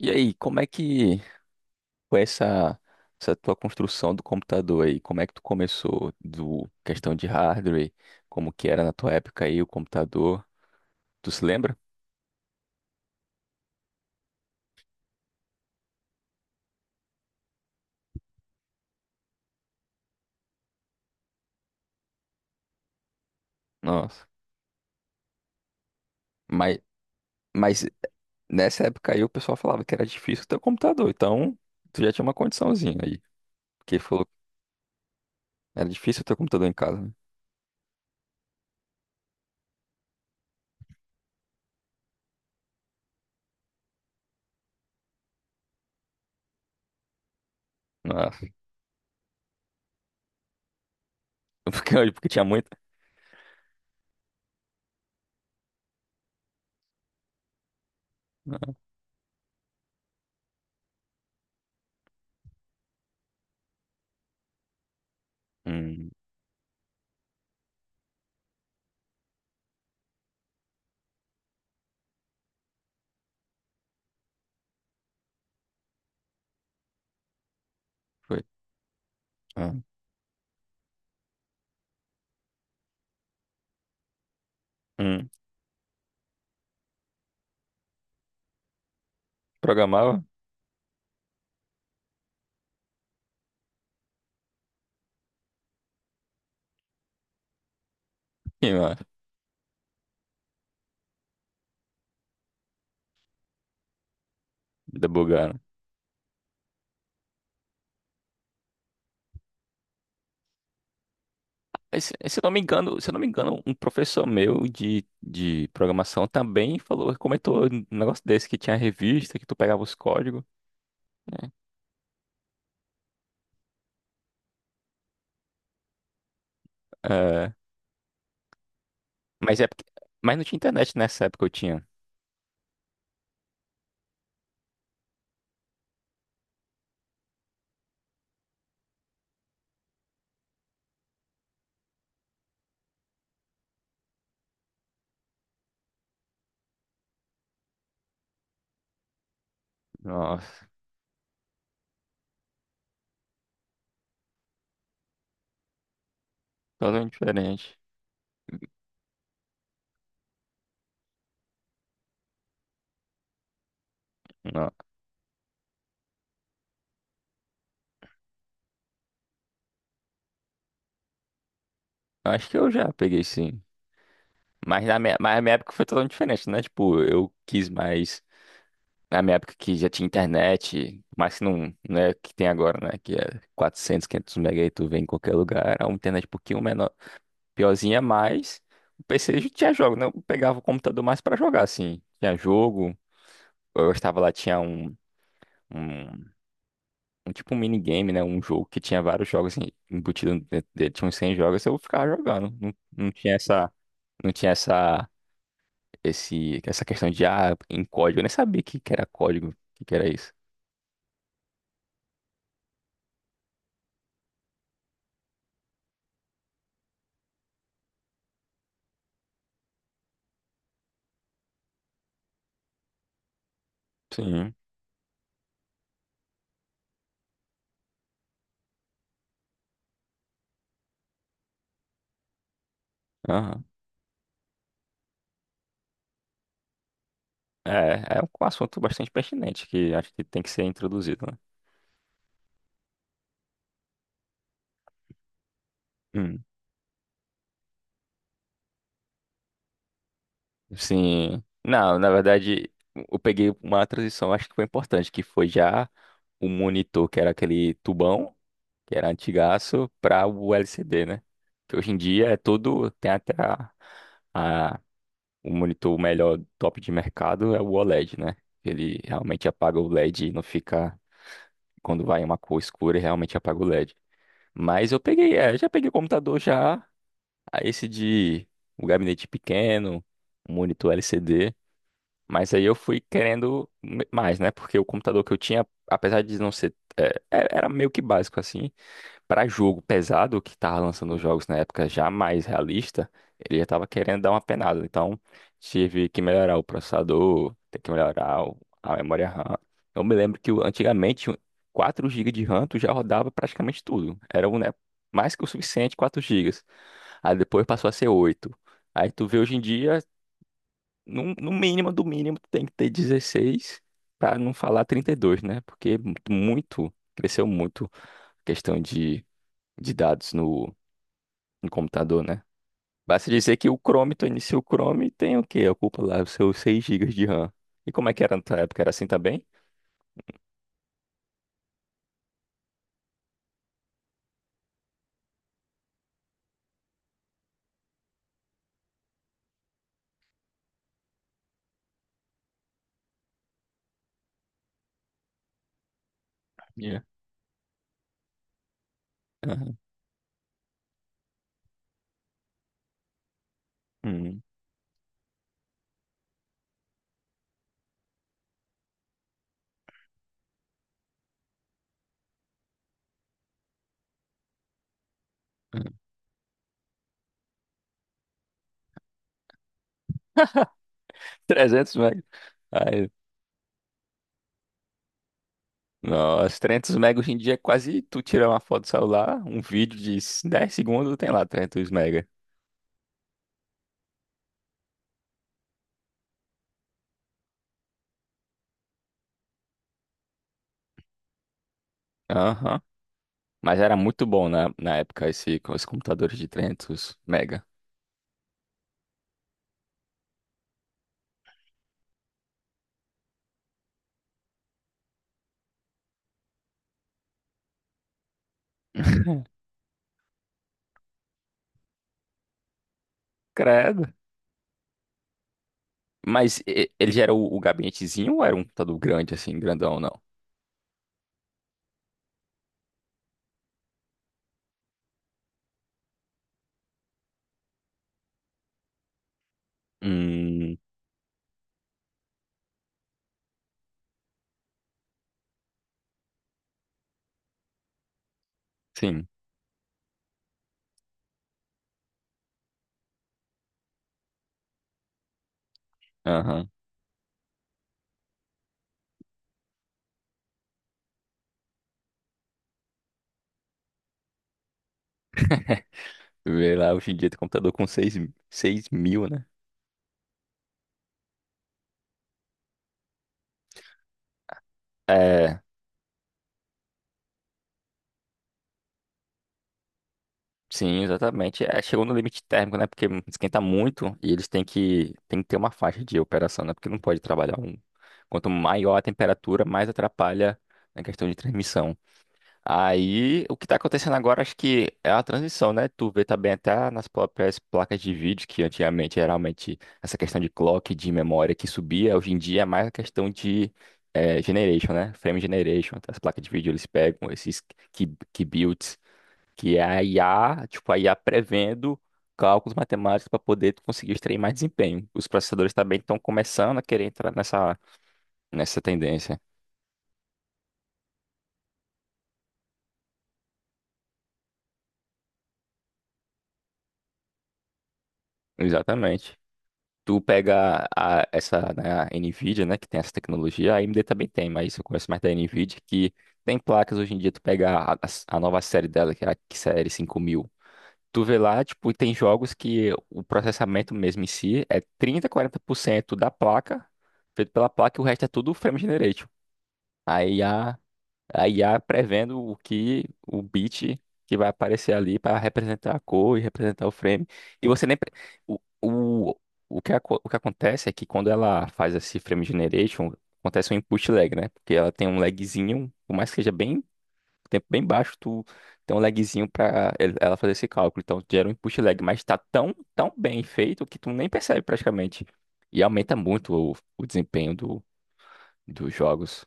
E aí, como é que foi essa tua construção do computador aí? Como é que tu começou do questão de hardware? Como que era na tua época aí o computador? Tu se lembra? Nossa. Mas, mas nessa época aí o pessoal falava que era difícil ter um computador, então tu já tinha uma condiçãozinha aí. Porque falou era difícil ter um computador em casa, né? Nossa. Porque tinha muito. Hum, foi. Ah, hum. Programava? Ih, mano, ainda bugaram. Mas se eu não me engano, um professor meu de programação também falou, comentou um negócio desse que tinha revista, que tu pegava os códigos, né? É, mas é porque, mas não tinha internet nessa época eu tinha. Nossa, totalmente diferente. Não, acho que eu já peguei sim. Mas na minha época foi totalmente diferente, né? Tipo, eu quis mais na minha época que já tinha internet, mas que não, não é o que tem agora, né? Que é 400 500 mega e tu vê em qualquer lugar, a uma internet um pouquinho menor. Piorzinha, mas o PC já tinha jogo, né? Eu pegava o computador mais pra jogar, assim. Tinha jogo, eu estava lá, tinha um, um tipo um minigame, né? Um jogo que tinha vários jogos assim, embutidos dentro dele, tinha uns 100 jogos, eu ficava jogando. Não, não tinha essa questão de, ah, em código. Eu nem sabia o que que era código, o que que era isso. Sim, aham. É, é um assunto bastante pertinente que acho que tem que ser introduzido, né? Sim. Não, na verdade, eu peguei uma transição, acho que foi importante, que foi já o monitor, que era aquele tubão, que era antigaço, para o LCD, né? Que hoje em dia é todo, tem até a- o monitor melhor top de mercado é o OLED, né? Ele realmente apaga o LED e não fica, quando vai uma cor escura, ele realmente apaga o LED. Mas eu peguei, é, já peguei o computador já, a esse de um gabinete pequeno, um monitor LCD. Mas aí eu fui querendo mais, né? Porque o computador que eu tinha, apesar de não ser. Era meio que básico, assim. Para jogo pesado, que tava lançando os jogos na época já mais realista, ele já tava querendo dar uma penada. Então, tive que melhorar o processador, ter que melhorar a memória RAM. Eu me lembro que antigamente, 4 gigas de RAM tu já rodava praticamente tudo. Era um, né, mais que o suficiente, 4 gigas. Aí depois passou a ser 8. Aí tu vê hoje em dia. No mínimo do mínimo tem que ter 16 para não falar 32, né? Porque é muito, cresceu muito a questão de dados no computador, né? Basta dizer que o Chrome, tu inicia o Chrome e tem o quê? Ocupa lá os seus 6 gigas de RAM. E como é que era na tua época? Era assim também? Yeah. Aham. Hum. Hum. 300 mega. Ai, nossa, 300 mega hoje em dia é quase tu tirar uma foto do celular, um vídeo de 10 segundos, tem lá 300 mega. Aham. Mas era muito bom na, na época esse, com os computadores de 300 mega. Credo. Mas ele já era o gabinetezinho ou era um computador grande, assim, grandão, não? Hum, sim. Aham. Vê lá, hoje em dia tem computador com seis mil, né? É, sim, exatamente. É, chegou no limite térmico, né? Porque esquenta muito e eles têm que ter uma faixa de operação, né? Porque não pode trabalhar um. Quanto maior a temperatura, mais atrapalha na questão de transmissão. Aí, o que tá acontecendo agora, acho que é a transição, né? Tu vê também até nas próprias placas de vídeo, que antigamente, geralmente, essa questão de clock, de memória que subia, hoje em dia é mais a questão de generation, né? Frame generation. As placas de vídeo, eles pegam esses key builds, que é a IA, tipo, a IA prevendo cálculos matemáticos para poder tu conseguir extrair mais desempenho. Os processadores também estão começando a querer entrar nessa tendência. Exatamente. Tu pega essa, né, a Nvidia, né, que tem essa tecnologia, a AMD também tem, mas eu conheço mais da Nvidia, que tem placas hoje em dia, tu pega a nova série dela, que é a série 5000, tu vê lá, tipo, e tem jogos que o processamento mesmo em si é 30 40% da placa, feito pela placa, e o resto é tudo frame generation. Aí a IA prevendo o que o bit que vai aparecer ali para representar a cor e representar o frame. E você nem o, o, o que o que acontece é que quando ela faz esse frame generation, acontece um input lag, né? Porque ela tem um lagzinho, por mais que seja bem tempo bem baixo, tu tem um lagzinho para ela fazer esse cálculo. Então gera um input lag, mas está tão bem feito que tu nem percebe praticamente. E aumenta muito o desempenho do, dos jogos.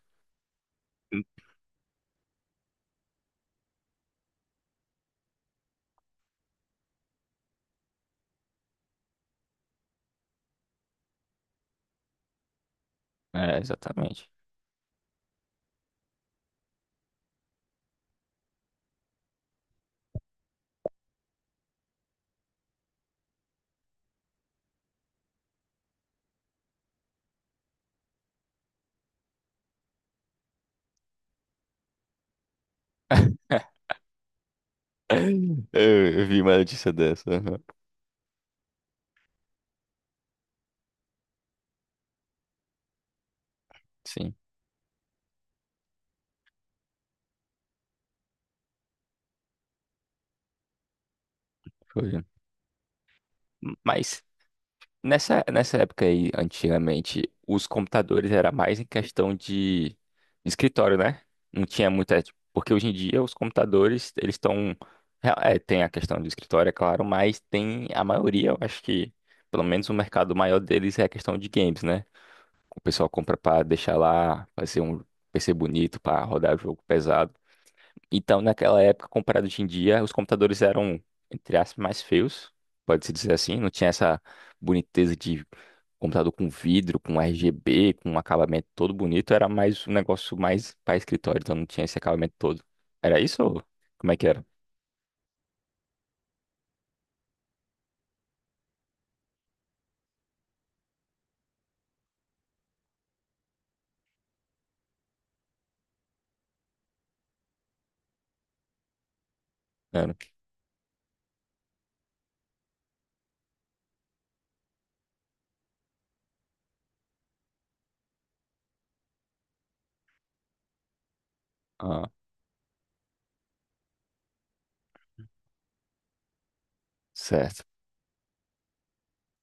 É, exatamente. Eu vi uma notícia dessa. Aham. Sim, foi. Mas nessa época aí, antigamente, os computadores era mais em questão de escritório, né? Não tinha muita. Porque hoje em dia os computadores, eles estão. É, é, tem a questão do escritório, é claro, mas tem a maioria, eu acho que, pelo menos o mercado maior deles é a questão de games, né? O pessoal compra pra deixar lá, fazer um PC bonito pra rodar jogo pesado. Então, naquela época, comparado hoje em dia, os computadores eram, entre aspas, mais feios, pode-se dizer assim. Não tinha essa boniteza de computador com vidro, com RGB, com um acabamento todo bonito. Era mais um negócio mais para escritório, então não tinha esse acabamento todo. Era isso ou como é que era? Era. Ah, certo.